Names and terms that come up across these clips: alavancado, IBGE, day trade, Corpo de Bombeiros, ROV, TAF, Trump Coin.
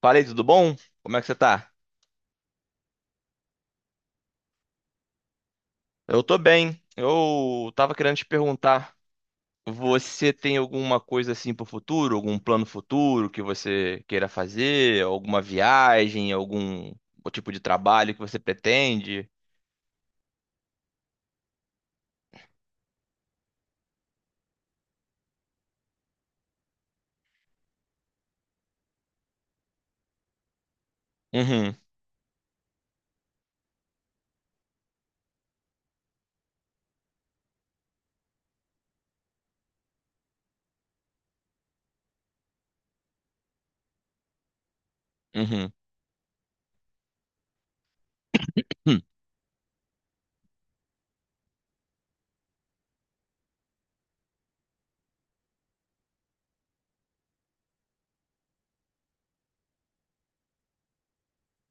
Falei, tudo bom? Como é que você tá? Eu tô bem. Eu tava querendo te perguntar, você tem alguma coisa assim pro futuro, algum plano futuro que você queira fazer, alguma viagem, algum tipo de trabalho que você pretende? Uhum, uhum, hum,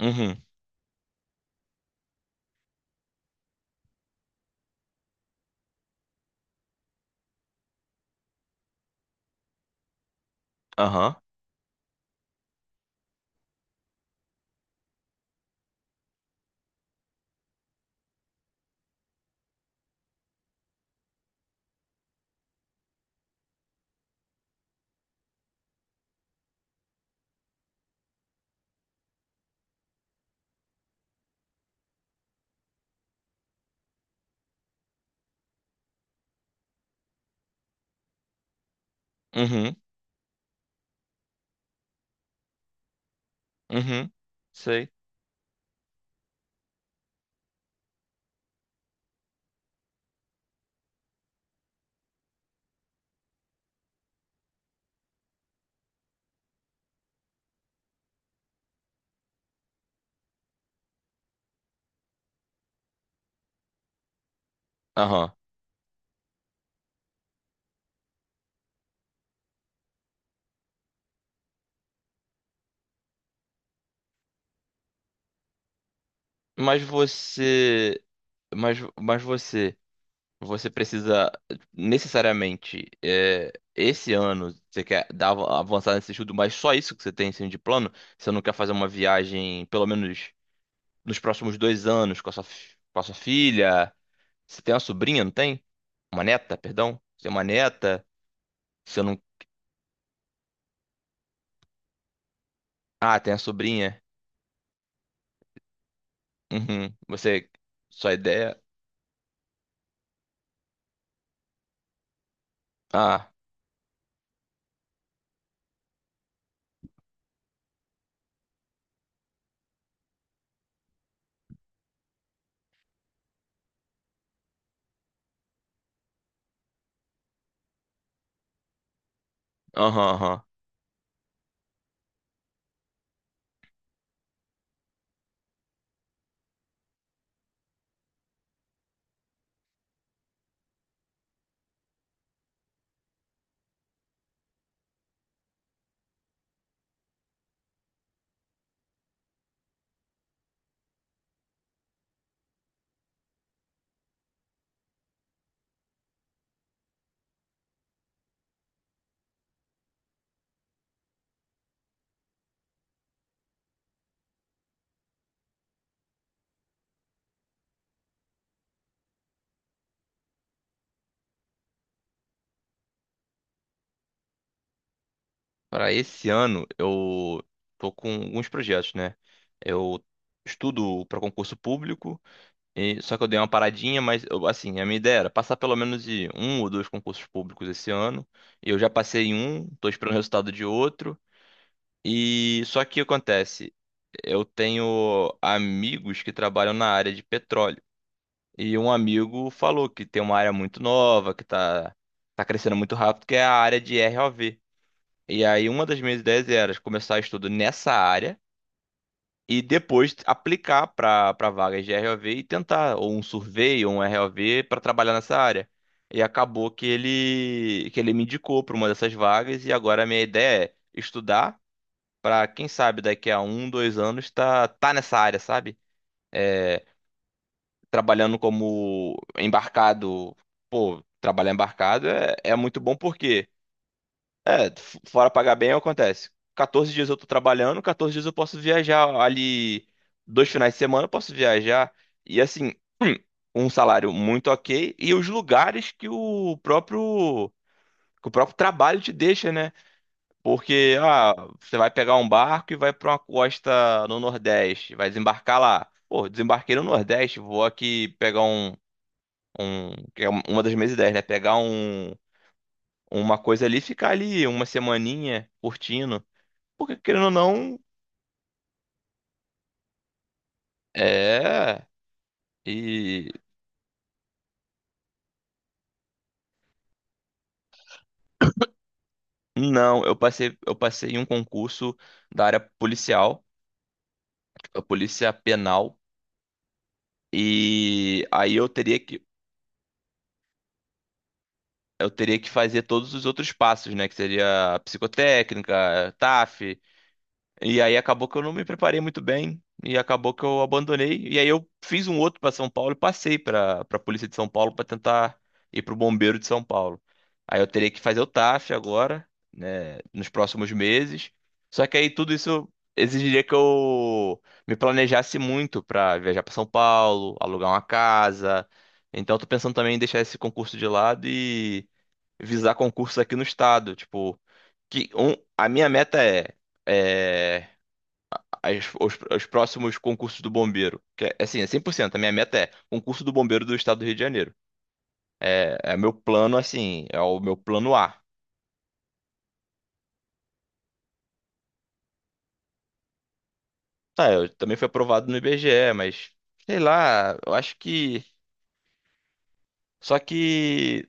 uhum, aham, uhum, uhum, sei, aham. Mas você, mas você precisa necessariamente é, esse ano você quer dar avançar nesse estudo, mas só isso que você tem assim, de plano? Você não quer fazer uma viagem, pelo menos nos próximos 2 anos, com a sua filha? Você tem uma sobrinha, não tem? Uma neta, perdão? Você tem uma neta? Você não. Ah, tem a sobrinha. Uhum. Você. Sua ideia. Ah, aham, aham. Para esse ano, eu tô com alguns projetos, né? Eu estudo para concurso público. Só que eu dei uma paradinha, mas assim, a minha ideia era passar pelo menos de um ou dois concursos públicos esse ano. Eu já passei em um, tô esperando o resultado de outro. E só que o que acontece, eu tenho amigos que trabalham na área de petróleo. E um amigo falou que tem uma área muito nova, que tá crescendo muito rápido, que é a área de ROV. E aí uma das minhas ideias era começar estudo nessa área e depois aplicar para vagas de ROV e tentar ou um survey ou um ROV para trabalhar nessa área. E acabou que ele me indicou para uma dessas vagas e agora a minha ideia é estudar para quem sabe daqui a um, dois anos tá nessa área, sabe? É, trabalhando como embarcado. Pô, trabalhar embarcado é muito bom porque fora pagar bem, acontece. 14 dias eu tô trabalhando, 14 dias eu posso viajar ali, 2 finais de semana eu posso viajar. E assim, um salário muito ok e os lugares que o próprio trabalho te deixa, né? Porque ah, você vai pegar um barco e vai pra uma costa no Nordeste, vai desembarcar lá. Pô, desembarquei no Nordeste, vou aqui pegar um que é uma das minhas ideias, né? Pegar uma coisa ali, e ficar ali uma semaninha curtindo. Porque, querendo ou não, é. E não, eu passei em um concurso da área policial, a polícia penal, e aí eu teria que fazer todos os outros passos, né? Que seria psicotécnica, TAF. E aí acabou que eu não me preparei muito bem e acabou que eu abandonei. E aí eu fiz um outro para São Paulo e passei para a Polícia de São Paulo para tentar ir para o Bombeiro de São Paulo. Aí eu teria que fazer o TAF agora, né, nos próximos meses. Só que aí tudo isso exigiria que eu me planejasse muito para viajar para São Paulo, alugar uma casa. Então eu tô pensando também em deixar esse concurso de lado e visar concursos aqui no estado, tipo, que um, a minha meta é os próximos concursos do bombeiro. Que é, assim, é 100%. A minha meta é concurso do bombeiro do estado do Rio de Janeiro. É meu plano, assim, é o meu plano A. Tá, eu também fui aprovado no IBGE, mas sei lá, eu acho que. Só que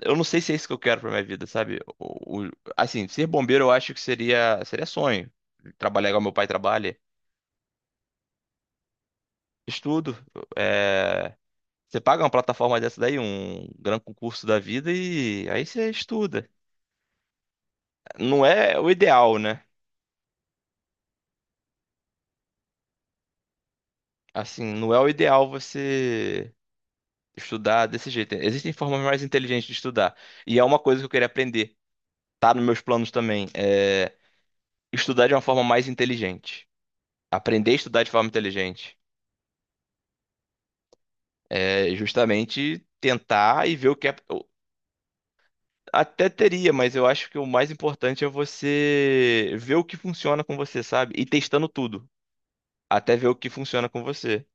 eu não sei se é isso que eu quero pra minha vida, sabe? Assim, ser bombeiro eu acho que seria sonho. Trabalhar igual meu pai trabalha. Estudo. é, Você paga uma plataforma dessa daí, um grande concurso da vida, e aí você estuda. Não é o ideal, né? Assim, não é o ideal você estudar desse jeito. Existem formas mais inteligentes de estudar. E é uma coisa que eu queria aprender. Tá nos meus planos também. É estudar de uma forma mais inteligente. Aprender a estudar de forma inteligente. É justamente tentar e ver o que é. Eu Até teria, mas eu acho que o mais importante é você ver o que funciona com você, sabe? E testando tudo. Até ver o que funciona com você.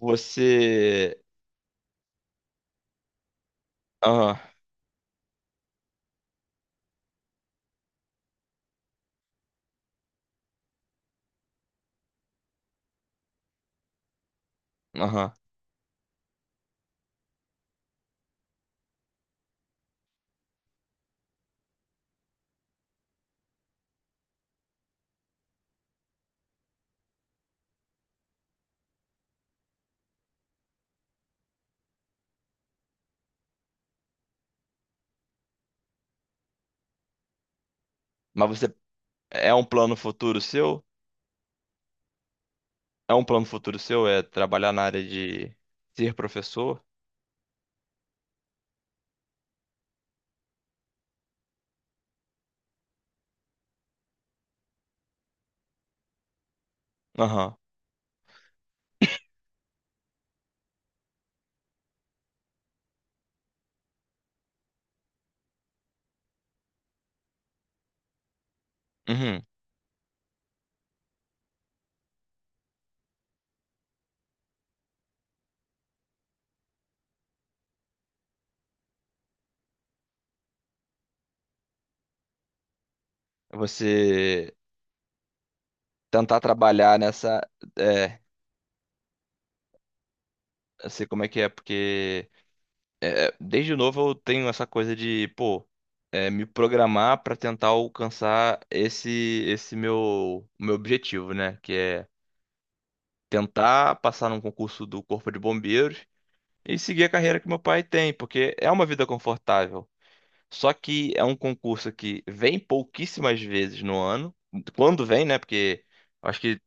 Você. Aham, aham. Mas você É um plano futuro seu? É trabalhar na área de ser professor? Aham. Uhum. Você tentar trabalhar nessa. É, eu sei como é que é, porque desde novo eu tenho essa coisa de, pô, me programar pra tentar alcançar esse meu objetivo, né? Que é tentar passar num concurso do Corpo de Bombeiros e seguir a carreira que meu pai tem, porque é uma vida confortável. Só que é um concurso que vem pouquíssimas vezes no ano. Quando vem, né? Porque acho que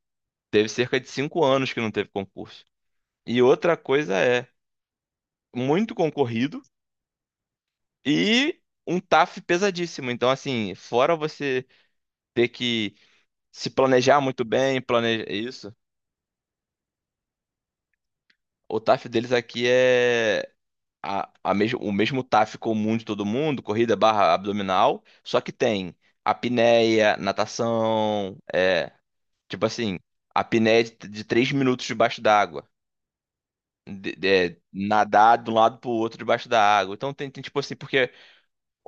teve cerca de 5 anos que não teve concurso. E outra coisa é muito concorrido e um TAF pesadíssimo. Então, assim, fora você ter que se planejar muito bem, planejar isso, o TAF deles aqui é o mesmo TAF comum de todo mundo, corrida barra abdominal, só que tem apneia, natação, tipo assim, a apneia de 3 minutos debaixo d'água. Nadar de um lado pro outro debaixo da água. Então tem, tipo assim, porque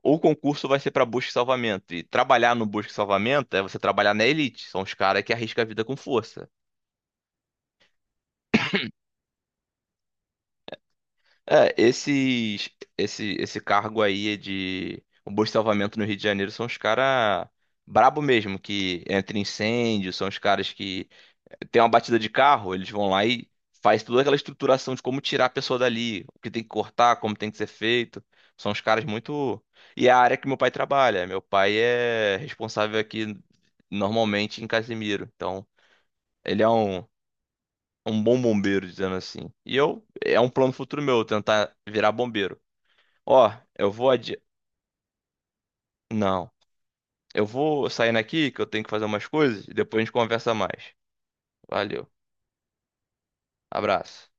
o concurso vai ser pra busca e salvamento. E trabalhar no busca e salvamento é você trabalhar na elite. São os caras que arriscam a vida com força. É, esse cargo aí de o busca e salvamento no Rio de Janeiro são os caras brabo mesmo, que entra em incêndio, são os caras que tem uma batida de carro, eles vão lá e faz toda aquela estruturação de como tirar a pessoa dali, o que tem que cortar, como tem que ser feito. São os caras muito. E é a área que meu pai trabalha. Meu pai é responsável aqui normalmente em Casimiro. Então, ele é um bom bombeiro, dizendo assim. E eu, é um plano futuro meu, tentar virar bombeiro. Ó, eu vou adi... Não. Eu vou saindo aqui que eu tenho que fazer umas coisas e depois a gente conversa mais. Valeu. Abraço.